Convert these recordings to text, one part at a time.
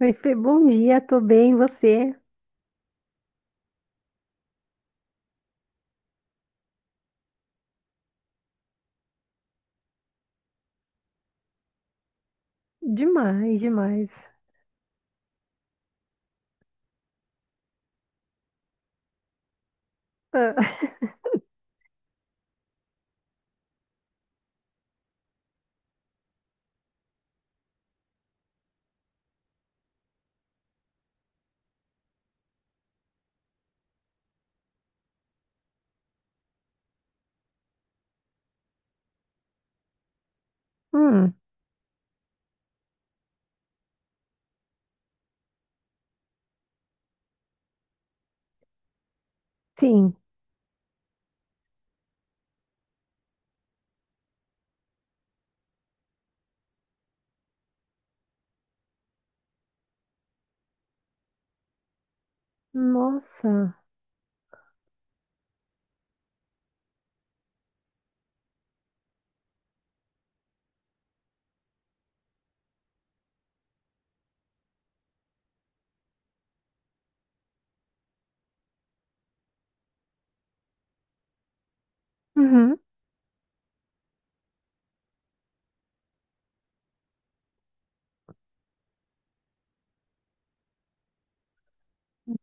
Oi, Fê, bom dia, tô bem, e você? Demais, demais. Ah, hum, sim. Nossa. Uhum.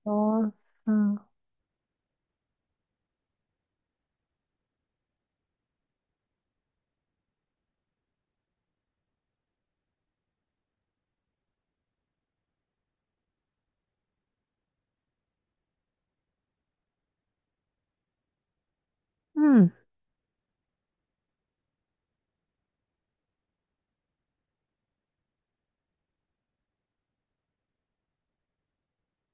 Nossa. Hum.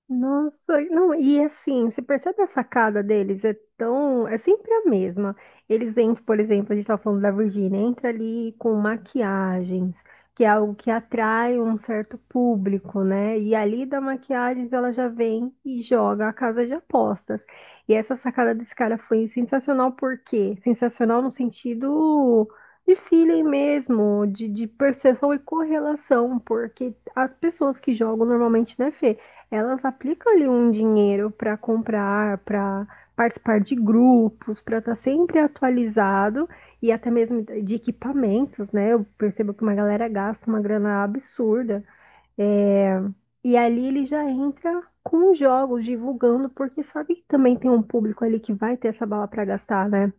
Nossa, não, e assim, você percebe a sacada deles? É tão, é sempre a mesma. Eles entram, por exemplo, a gente estava falando da Virgínia, entra ali com maquiagens, que é algo que atrai um certo público, né? E ali da maquiagens ela já vem e joga a casa de apostas. E essa sacada desse cara foi sensacional, por quê? Sensacional no sentido de feeling mesmo, de percepção e correlação, porque as pessoas que jogam normalmente, né, Fê? Elas aplicam ali um dinheiro para comprar, para participar de grupos, para estar sempre atualizado e até mesmo de equipamentos, né? Eu percebo que uma galera gasta uma grana absurda. É. E ali ele já entra com os jogos, divulgando, porque sabe que também tem um público ali que vai ter essa bala para gastar, né?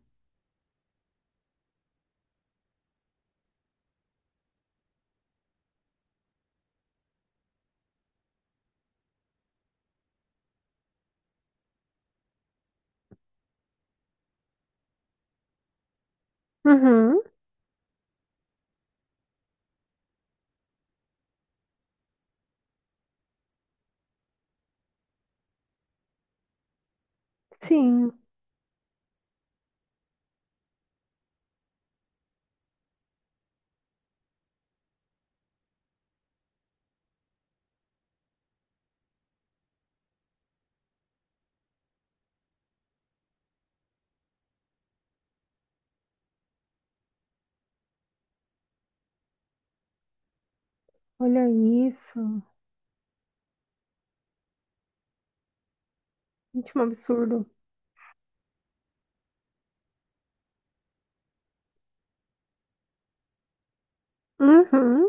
Uhum, sim. Olha isso. Gente, um absurdo. Uhum,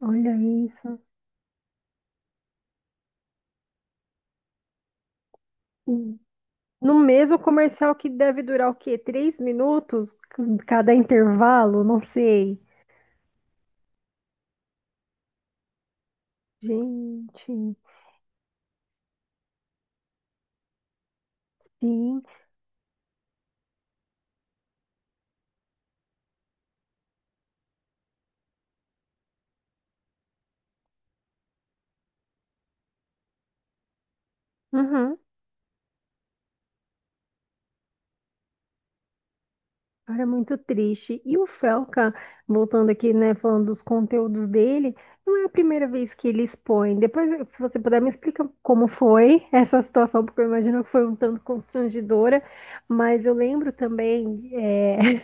olha isso. No mesmo comercial que deve durar o quê? Três minutos? Cada intervalo? Não sei. Gente, sim. Uhum. Era muito triste. E o Felca, voltando aqui, né, falando dos conteúdos dele, não é a primeira vez que ele expõe. Depois, se você puder, me explica como foi essa situação, porque eu imagino que foi um tanto constrangedora. Mas eu lembro também, é,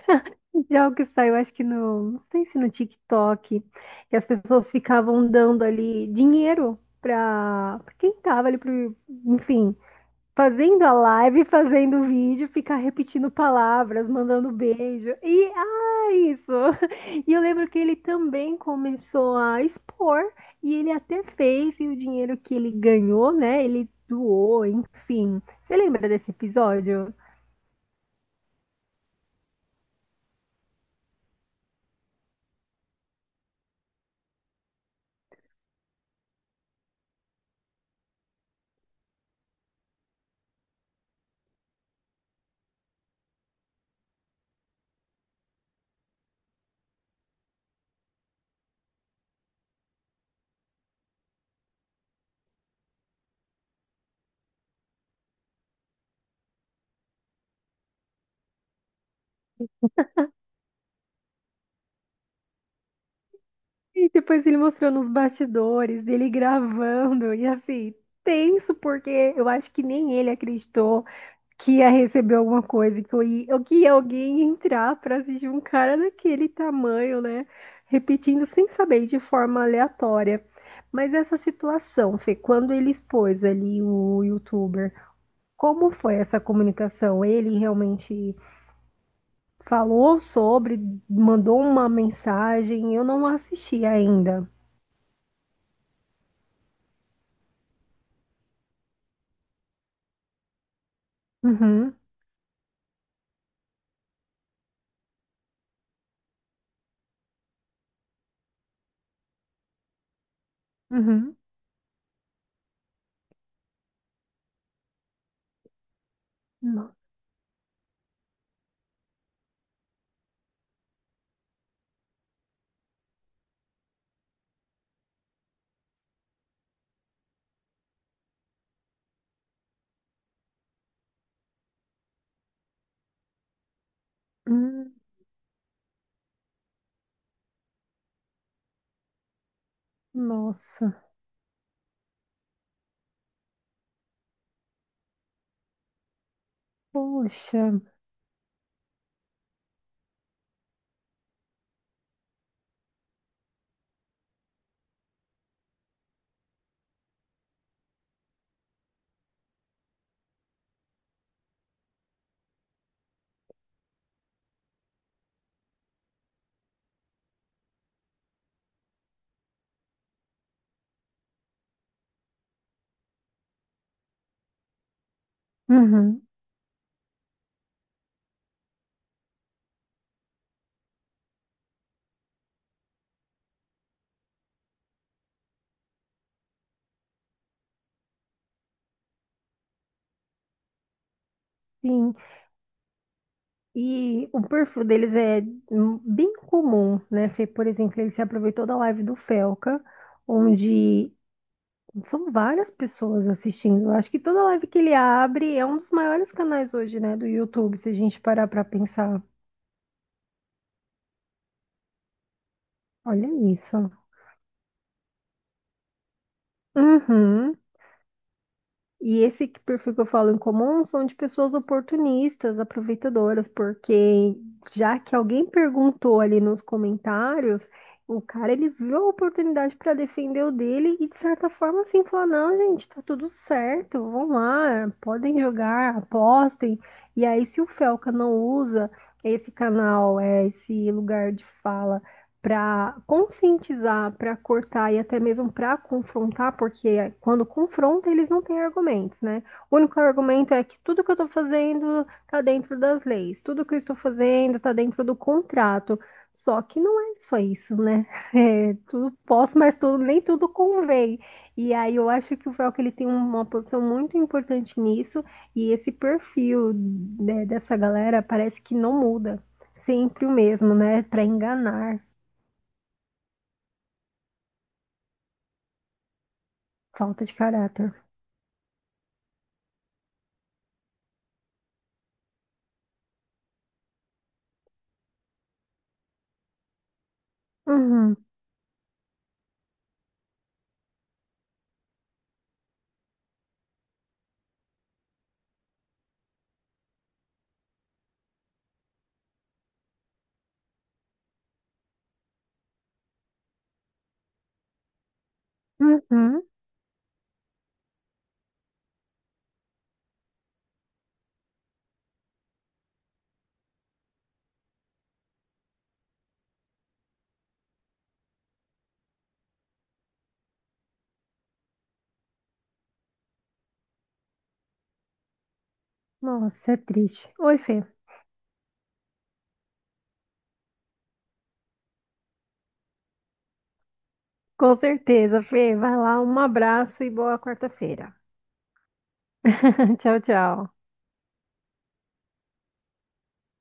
de algo que saiu, acho que no, não sei se no TikTok, que as pessoas ficavam dando ali dinheiro para quem tava ali, pro, enfim, fazendo a live, fazendo o vídeo, ficar repetindo palavras, mandando beijo. E, ah, isso! E eu lembro que ele também começou a expor, e ele até fez, e o dinheiro que ele ganhou, né, ele doou, enfim. Você lembra desse episódio? E depois ele mostrou nos bastidores, ele gravando, e assim, tenso, porque eu acho que nem ele acreditou que ia receber alguma coisa, que, eu ia, ou que ia alguém entrar para assistir um cara daquele tamanho, né? Repetindo sem saber, de forma aleatória. Mas essa situação, Fê, quando ele expôs ali o youtuber, como foi essa comunicação? Ele realmente falou sobre, mandou uma mensagem, eu não assisti ainda. Uhum. Uhum. No- hum, nossa, poxa. Uhum. Sim, e o perfil deles é bem comum, né? Fê? Por exemplo, ele se aproveitou da live do Felca, onde são várias pessoas assistindo. Eu acho que toda live que ele abre é um dos maiores canais hoje, né, do YouTube, se a gente parar para pensar. Olha isso. Uhum. E esse que- perfil que eu falo em comum são de pessoas oportunistas, aproveitadoras, porque já que alguém perguntou ali nos comentários, o cara ele viu a oportunidade para defender o dele e de certa forma assim falar, não, gente, tá tudo certo, vão lá, podem jogar, apostem. E aí se o Felca não usa esse canal, é esse lugar de fala para conscientizar, para cortar e até mesmo para confrontar, porque quando confronta eles não têm argumentos, né? O único argumento é que tudo que eu estou fazendo está dentro das leis, tudo que eu estou fazendo está dentro do contrato. Só que não é só isso, né? É, tudo posso, mas tudo, nem tudo convém. E aí eu acho que o Velcro ele tem uma posição muito importante nisso e esse perfil, né, dessa galera parece que não muda, sempre o mesmo, né? Para enganar. Falta de caráter. Uhum, uhum. Nossa, é triste. Oi, Fê. Com certeza, Fê. Vai lá, um abraço e boa quarta-feira. Tchau, tchau.